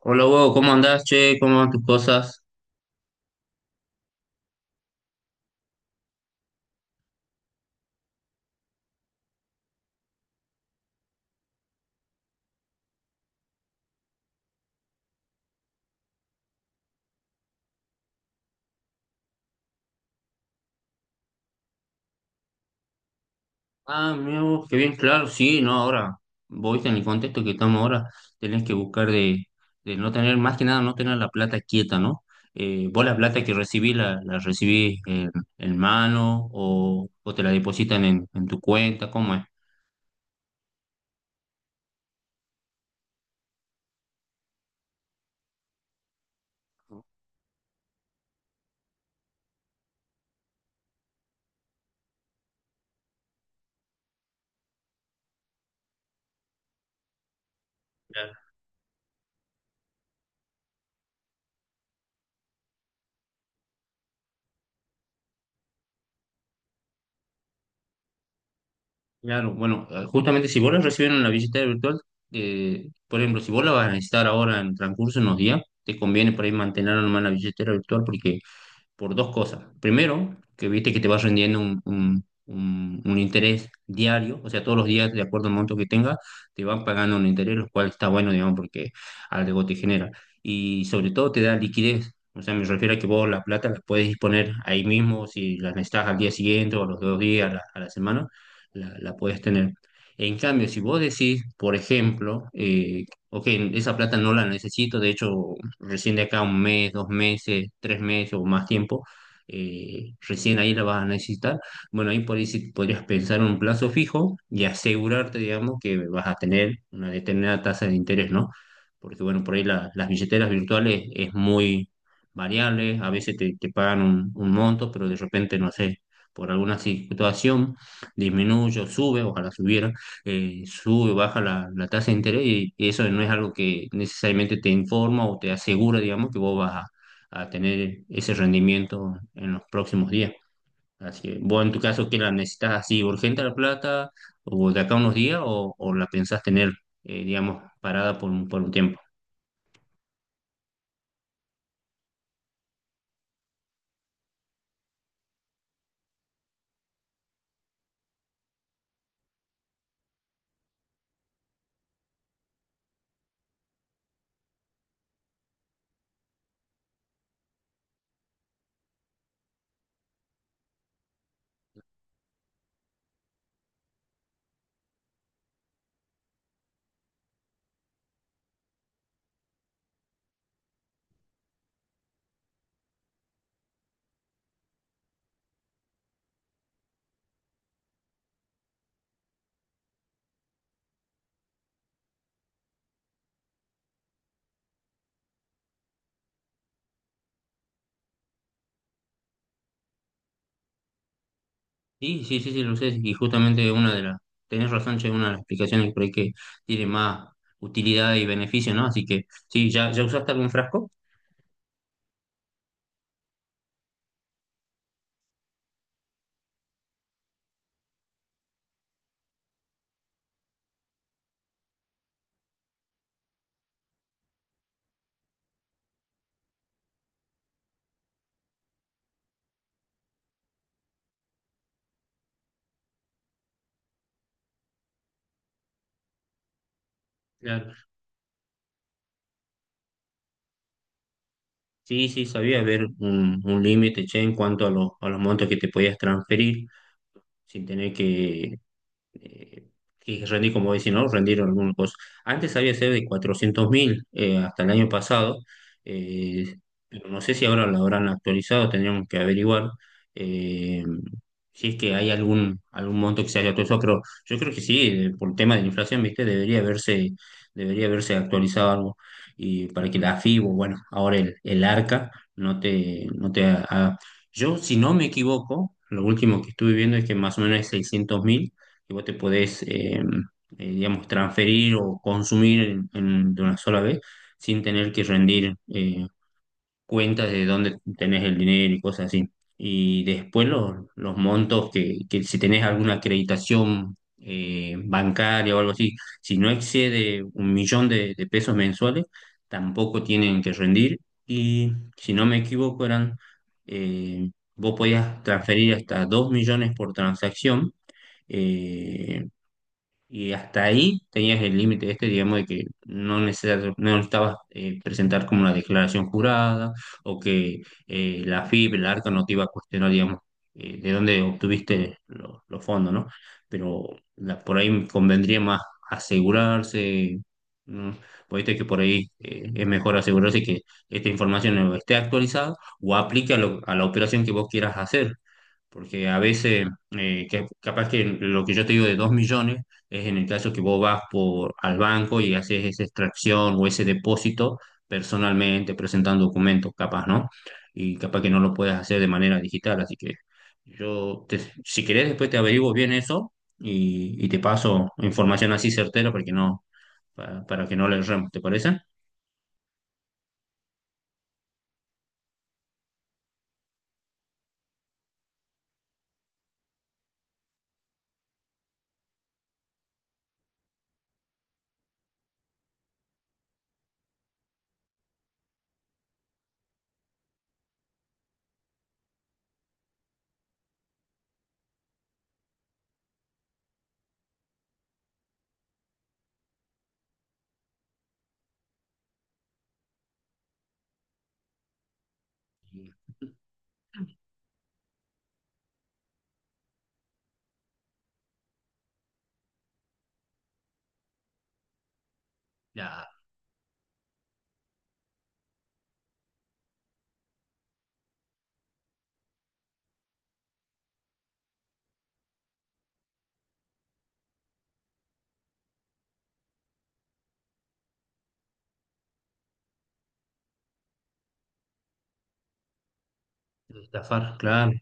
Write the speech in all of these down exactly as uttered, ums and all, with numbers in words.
Hola, Hugo, ¿cómo andás, che? ¿Cómo van tus cosas? Ah, mira vos, qué bien, claro, sí, no, ahora, vos en el contexto que estamos ahora, tenés que buscar de, de no tener, más que nada, no tener la plata quieta, ¿no? Eh, vos la plata que recibís, la, la recibís en, en mano o, o te la depositan en, en tu cuenta, ¿cómo es? Claro, Claro, bueno, eh, justamente si vos la recibís en la billetera virtual, eh, por ejemplo, si vos la vas a necesitar ahora en transcurso de unos días, te conviene por ahí mantener nomás la billetera virtual porque por dos cosas. Primero, que viste que te vas rendiendo un, un- un- un interés diario, o sea, todos los días, de acuerdo al monto que tengas, te van pagando un interés, lo cual está bueno, digamos, porque algo te genera. Y sobre todo te da liquidez. O sea, me refiero a que vos la plata la puedes disponer ahí mismo, si la necesitas al día siguiente o a los dos días, a la, a la semana, la, la puedes tener. En cambio, si vos decís, por ejemplo, eh, ok, esa plata no la necesito, de hecho recién de acá a un mes, dos meses, tres meses o más tiempo, eh, recién ahí la vas a necesitar. Bueno, ahí por ahí sí podrías pensar en un plazo fijo y asegurarte, digamos, que vas a tener una determinada tasa de interés, ¿no? Porque, bueno, por ahí la- las billeteras virtuales es muy variable, a veces te, te pagan un, un monto, pero de repente, no sé, por alguna situación disminuye o sube, ojalá subiera eh, sube o baja la, la tasa de interés y, y eso no es algo que necesariamente te informa o te asegura, digamos, que vos vas a, a tener ese rendimiento en los próximos días. Así que vos en tu caso, que la necesitas así urgente la plata o de acá a unos días o, o la pensás tener, eh, digamos, parada por, un- por un tiempo. Sí, sí, sí, sí, lo sé. Y justamente una de las, tenés razón, Che, una de las explicaciones por ahí que tiene más utilidad y beneficio, ¿no? Así que, sí, ¿ya, ya usaste algún frasco? Sí, sí, sabía haber un, un límite, che, en cuanto a, los a los montos que te podías transferir sin tener que, eh, y rendí, como dicen, ¿no? Rendieron algunos cosas. Antes había sido de cuatrocientos mil eh, hasta el año pasado, eh, pero no sé si ahora lo habrán actualizado, tendríamos que averiguar eh, si es que hay algún, algún monto que se haya actualizado, pero yo creo que sí, eh, por el tema de la inflación, ¿viste? Debería haberse, debería haberse actualizado algo y para que la FIBO, bueno, ahora el, el ARCA no te, no te ha- Yo, si no me equivoco, lo último que estuve viendo es que más o menos es seiscientos mil que vos te podés, eh, eh, digamos, transferir o consumir en- en- de una sola vez sin tener que rendir eh, cuentas de dónde tenés el dinero y cosas así. Y después los, los montos que, que si tenés alguna acreditación eh, bancaria o algo así, si no excede un millón de, de pesos mensuales, tampoco tienen que rendir. Y si no me equivoco, eran, eh, vos podías transferir hasta dos millones por transacción. Eh, y hasta ahí tenías el límite este, digamos, de que no necesitas, no necesitabas eh, presentar como una declaración jurada o que eh, la FIP, el ARCA no te iba a cuestionar, digamos, eh, de dónde obtuviste lo- los fondos, ¿no? Pero la- por ahí me convendría más asegurarse, ¿no? Porque viste que por ahí eh, es mejor asegurarse que esta información no esté actualizada o aplique a, lo- a la operación que vos quieras hacer. Porque a veces, eh, que- capaz que lo que yo te digo de dos millones es en el caso que vos vas por, al banco y haces esa extracción o ese depósito personalmente, presentando documentos, capaz, ¿no? Y capaz que no lo puedes hacer de manera digital. Así que yo, te- si querés, después te averiguo bien eso y, y te paso información así certera para que no, para, para que no le erremos, ¿te parece? Ya, estafar, claro.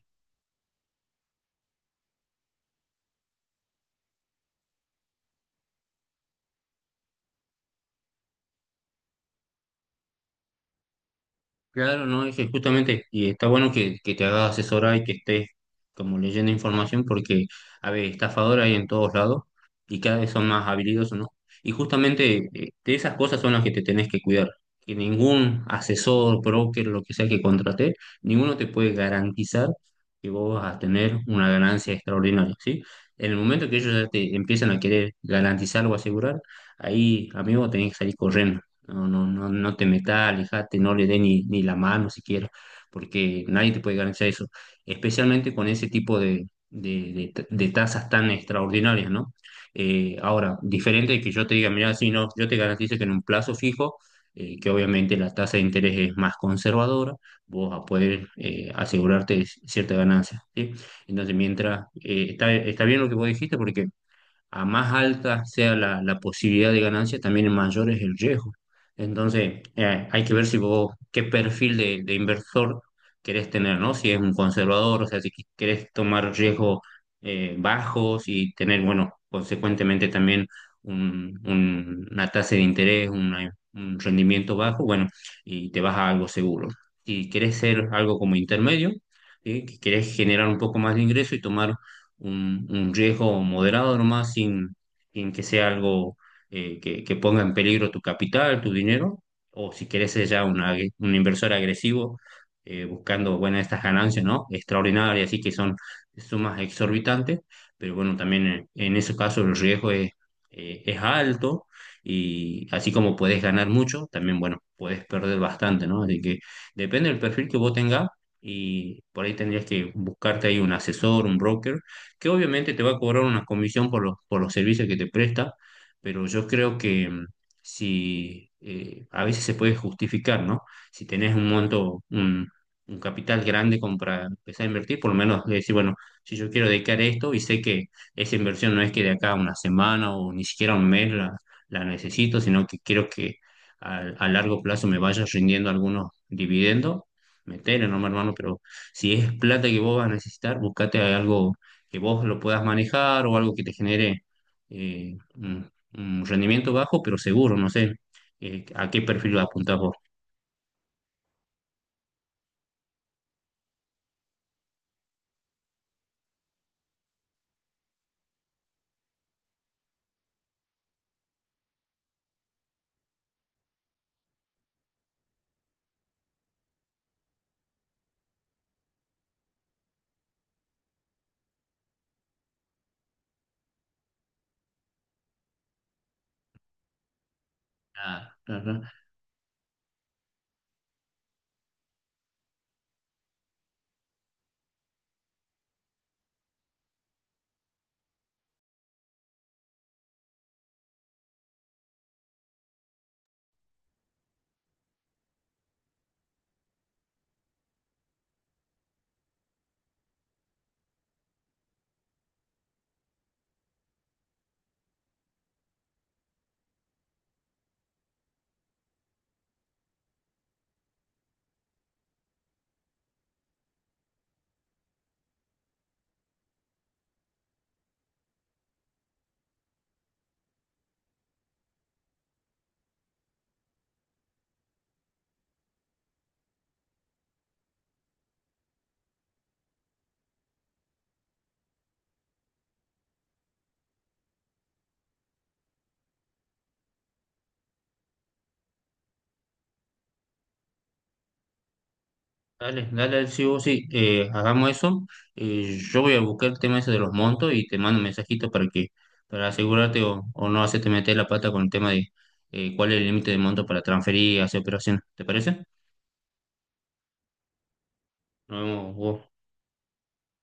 Claro, no, es que justamente, y está bueno que, que te hagas asesorar y que estés como leyendo información, porque, a ver, estafadores hay en todos lados y cada vez son más habilidosos, ¿no? Y justamente eh, de esas cosas son las que te tenés que cuidar, que ningún asesor, broker, lo que sea que contrate, ninguno te puede garantizar que vos vas a tener una ganancia extraordinaria, ¿sí? En el momento que ellos ya te empiezan a querer garantizar o asegurar, ahí, amigo, tenés que salir corriendo. No, no, no, no te metas, alejate, no le dé ni, ni la mano siquiera, porque nadie te puede garantizar eso, especialmente con ese tipo de, de, de- de tasas tan extraordinarias, ¿no? Eh, ahora, diferente de que yo te diga, mira, si no, yo te garantizo que en un plazo fijo, eh, que obviamente la tasa de interés es más conservadora, vos vas a poder eh, asegurarte cierta ganancia, ¿sí? Entonces, mientras, eh, está, está bien lo que vos dijiste, porque a más alta sea la, la posibilidad de ganancia, también mayor es el riesgo. Entonces, eh, hay que ver si vos, qué perfil de, de inversor querés tener, ¿no? Si es un conservador, o sea, si querés tomar riesgos eh, bajos y tener, bueno, consecuentemente también un- un- una tasa de interés, una- un rendimiento bajo, bueno, y te vas a algo seguro. Si querés ser algo como intermedio, ¿sí? que querés generar un poco más de ingreso y tomar un, un riesgo moderado nomás, sin, sin que sea algo eh, que, que ponga en peligro tu capital, tu dinero, o si querés ser ya un un inversor agresivo, eh, buscando, bueno, estas ganancias, ¿no? Extraordinarias, así que son sumas exorbitantes, pero bueno, también en, en ese caso el riesgo es, eh, es alto. Y así como podés ganar mucho, también, bueno, podés perder bastante, ¿no? Así que depende del perfil que vos tengas y por ahí tendrías que buscarte ahí un asesor, un broker que obviamente te va a cobrar una comisión por los, por los servicios que te presta, pero yo creo que mm, si eh, a veces se puede justificar, ¿no? Si tenés un monto, un, un capital grande como para empezar a invertir, por lo menos decir, bueno, si yo quiero dedicar esto y sé que esa inversión no es que de acá a una semana o ni siquiera un mes la, la necesito, sino que quiero que a, a largo plazo me vaya rindiendo algunos dividendos, metele, no, mi hermano, pero si es plata que vos vas a necesitar, buscate algo que vos lo puedas manejar o algo que te genere eh, un, un rendimiento bajo, pero seguro, no sé eh, a qué perfil apuntás vos. Ah, ah, ah. Dale, dale, sí, vos sí, eh, hagamos eso. Eh, yo voy a buscar el tema ese de los montos y te mando un mensajito para que, para asegurarte o, o no hacerte meter la pata con el tema de eh, cuál es el límite de monto para transferir hacia hacer operaciones. ¿Te parece? Nos vemos vos.